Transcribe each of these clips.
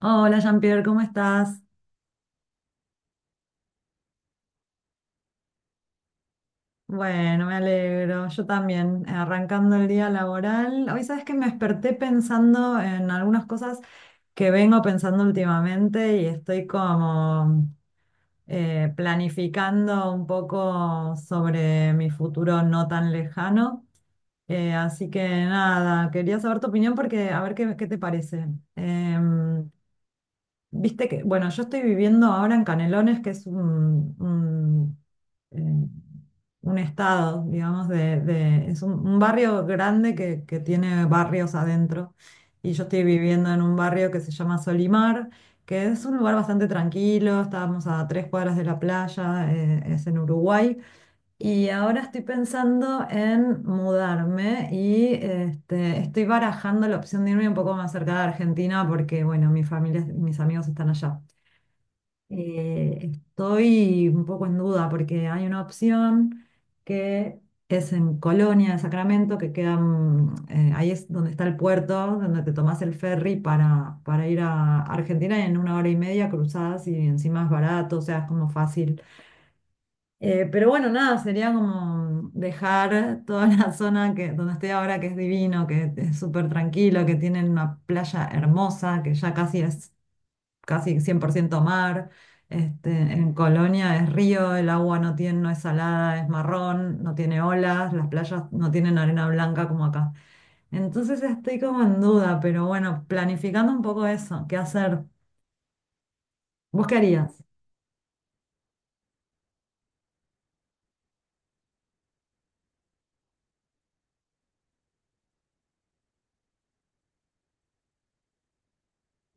Hola Jean-Pierre, ¿cómo estás? Bueno, me alegro. Yo también, arrancando el día laboral. Hoy sabes que me desperté pensando en algunas cosas que vengo pensando últimamente y estoy como planificando un poco sobre mi futuro no tan lejano. Así que nada, quería saber tu opinión porque a ver qué te parece. Em, Viste que, bueno, yo estoy viviendo ahora en Canelones, que es eh, un estado, digamos, es un barrio grande que tiene barrios adentro. Y yo estoy viviendo en un barrio que se llama Solimar, que es un lugar bastante tranquilo, estábamos a 3 cuadras de la playa, es en Uruguay. Y ahora estoy pensando en mudarme y este, estoy barajando la opción de irme un poco más cerca de Argentina porque, bueno, mi familia, mis amigos están allá. Estoy un poco en duda porque hay una opción que es en Colonia de Sacramento, que queda, ahí es donde está el puerto, donde te tomás el ferry para ir a Argentina y en una hora y media cruzadas y encima es barato, o sea, es como fácil, pero bueno, nada, sería como dejar toda la zona donde estoy ahora, que es divino, que es súper tranquilo, que tienen una playa hermosa, que ya casi es casi 100% mar. Este, en Colonia es río, el agua no es salada, es marrón, no tiene olas, las playas no tienen arena blanca como acá. Entonces estoy como en duda, pero bueno, planificando un poco eso, ¿qué hacer? ¿Vos qué harías?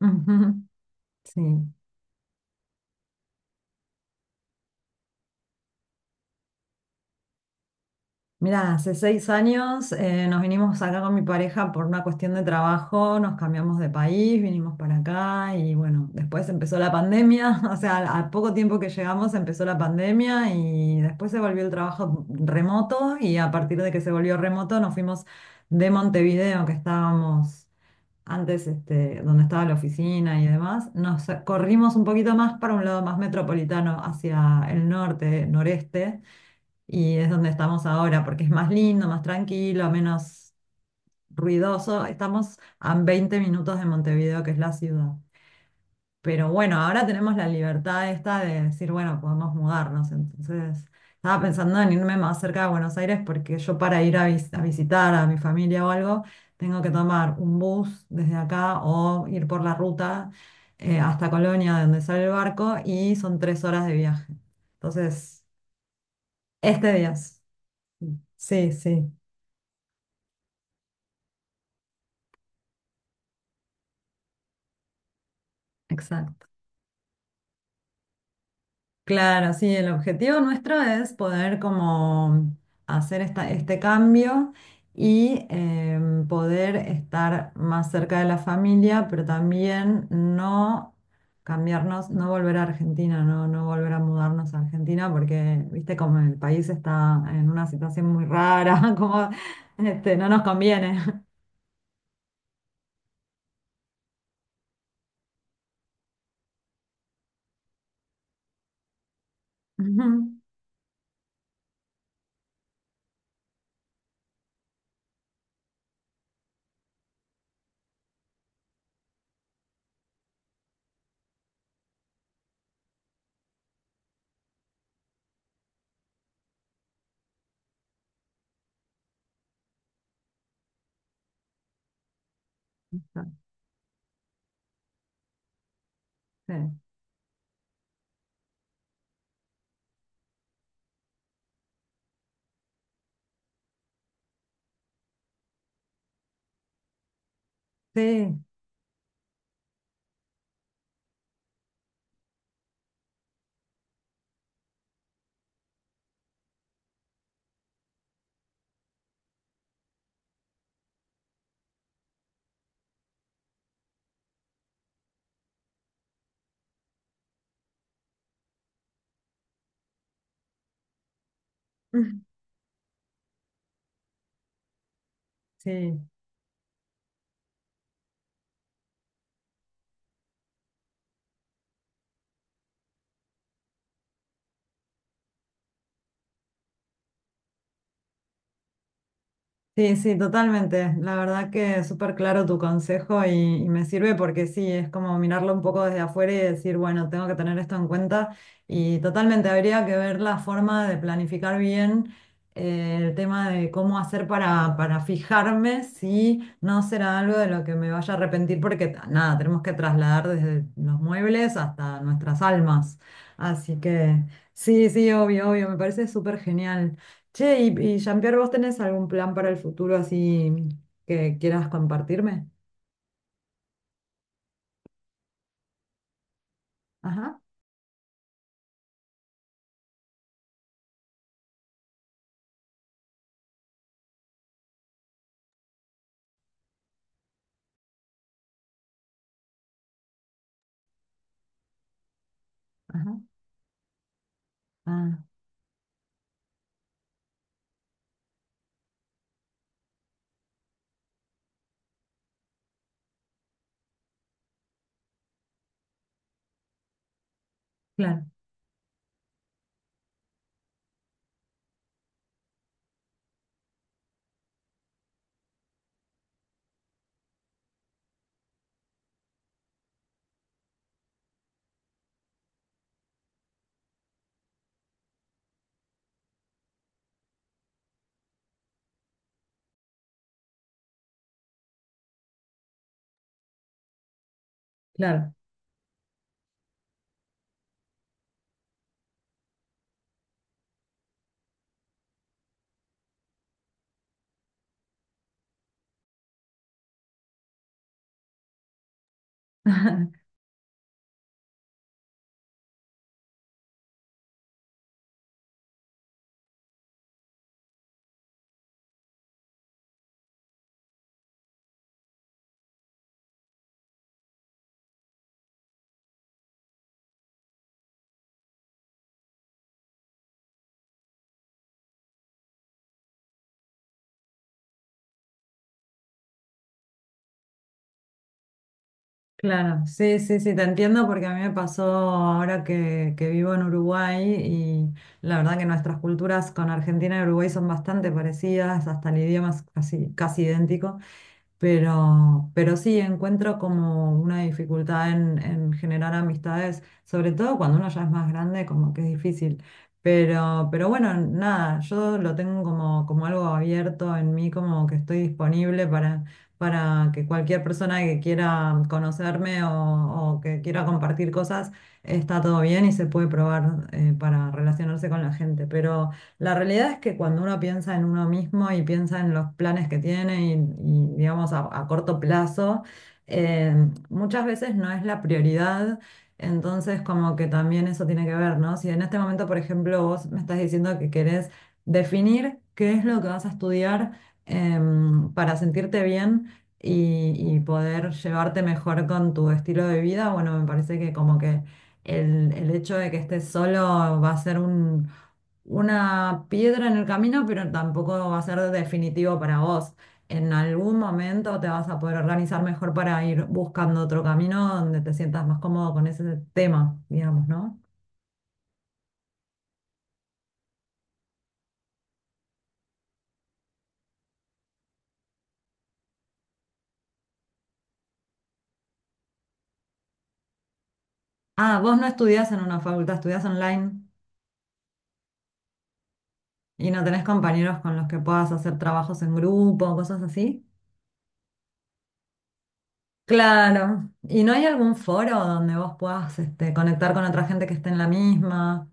Ujú, sí. Mira, hace 6 años nos vinimos acá con mi pareja por una cuestión de trabajo, nos cambiamos de país, vinimos para acá y bueno, después empezó la pandemia, o sea, a poco tiempo que llegamos empezó la pandemia y después se volvió el trabajo remoto y a partir de que se volvió remoto nos fuimos de Montevideo, que estábamos antes, este, donde estaba la oficina y demás, nos corrimos un poquito más para un lado más metropolitano, hacia el norte, noreste y es donde estamos ahora, porque es más lindo, más tranquilo, menos ruidoso. Estamos a 20 minutos de Montevideo, que es la ciudad. Pero bueno, ahora tenemos la libertad esta de decir, bueno, podemos mudarnos. Entonces, estaba pensando en irme más cerca de Buenos Aires porque yo para ir a, a visitar a mi familia o algo, tengo que tomar un bus desde acá o ir por la ruta hasta Colonia, de donde sale el barco, y son 3 horas de viaje. Entonces, este día, sí, sí. Exacto. Claro, sí, el objetivo nuestro es poder como hacer este cambio y poder estar más cerca de la familia, pero también no cambiarnos, no volver a Argentina, no, no volver a mudarnos a Argentina, porque, viste, como el país está en una situación muy rara, como este, no nos conviene. Ujú. Sí, sí, sí. Sí, sí, totalmente. La verdad que es súper claro tu consejo y me sirve porque sí, es como mirarlo un poco desde afuera y decir, bueno, tengo que tener esto en cuenta y totalmente habría que ver la forma de planificar bien el tema de cómo hacer para fijarme si no será algo de lo que me vaya a arrepentir porque ta- nada, tenemos que trasladar desde los muebles hasta nuestras almas. Así que sí, sí, obvio, obvio, me parece súper genial. Che, y Jean-Pierre, ¿vos tenés algún plan para el futuro así que quieras compartirme? Ajá, ajá. Ah, claro, claro, claro. Sí, sí, sí, te entiendo porque a mí me pasó ahora que vivo en Uruguay y la verdad que nuestras culturas con Argentina y Uruguay son bastante parecidas, hasta el idioma es casi, casi idéntico. Pero sí, encuentro como una dificultad en generar amistades, sobre todo cuando uno ya es más grande, como que es difícil. Pero bueno, nada, yo lo tengo como algo abierto en mí, como que estoy disponible para que cualquier persona que quiera conocerme o que quiera compartir cosas, está todo bien y se puede probar para relacionarse con la gente. Pero la realidad es que cuando uno piensa en uno mismo y piensa en los planes que tiene digamos, a corto plazo, eh, muchas veces no es la prioridad. Entonces, como que también eso tiene que ver, ¿no? Si en este momento, por ejemplo, vos me estás diciendo que querés definir qué es lo que vas a estudiar para sentirte bien y poder llevarte mejor con tu estilo de vida, bueno, me parece que como que el hecho de que estés solo va a ser un una piedra en el camino, pero tampoco va a ser definitivo para vos. En algún momento te vas a poder organizar mejor para ir buscando otro camino donde te sientas más cómodo con ese tema, digamos, ¿no? Ah, vos no estudiás en una facultad, estudiás online y no tenés compañeros con los que puedas hacer trabajos en grupo, cosas así. Claro. ¿Y no hay algún foro donde vos puedas este, conectar con otra gente que esté en la misma?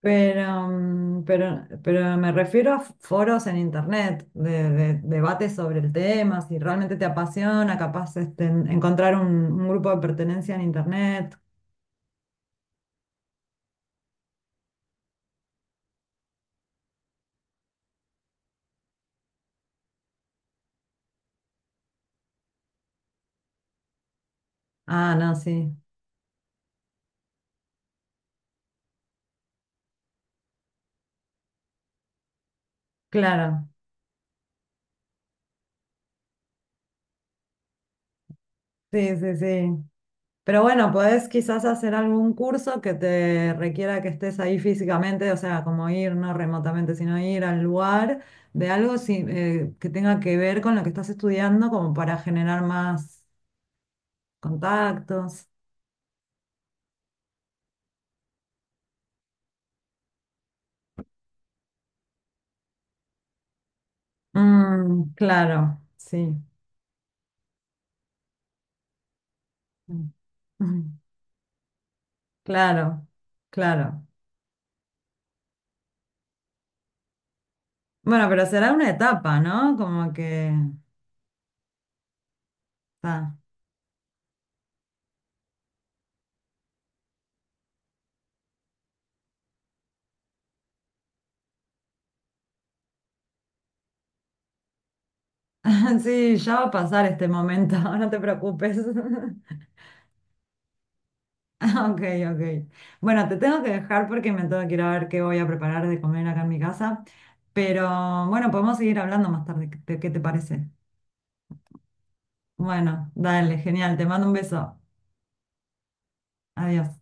Pero, pero me refiero a foros en internet, de debates sobre el tema, si realmente te apasiona, capaz este, encontrar un grupo de pertenencia en internet. Ah, no, sí, claro, sí, sí, sí. Pero bueno, podés quizás hacer algún curso que te requiera que estés ahí físicamente, o sea, como ir, no remotamente, sino ir al lugar de algo que tenga que ver con lo que estás estudiando, como para generar más contactos. Mm, claro, sí. Mm. Ujú. Claro, claro. Bueno, pero será una etapa, ¿no? Como que... ta. Sí, ya va a pasar este momento, no te preocupes. Ok, ok. Bueno, te tengo que dejar porque me tengo que ir a ver qué voy a preparar de comer acá en mi casa. Pero bueno, podemos seguir hablando más tarde. ¿Qué te parece? Bueno, dale, genial. Te mando un beso. Adiós.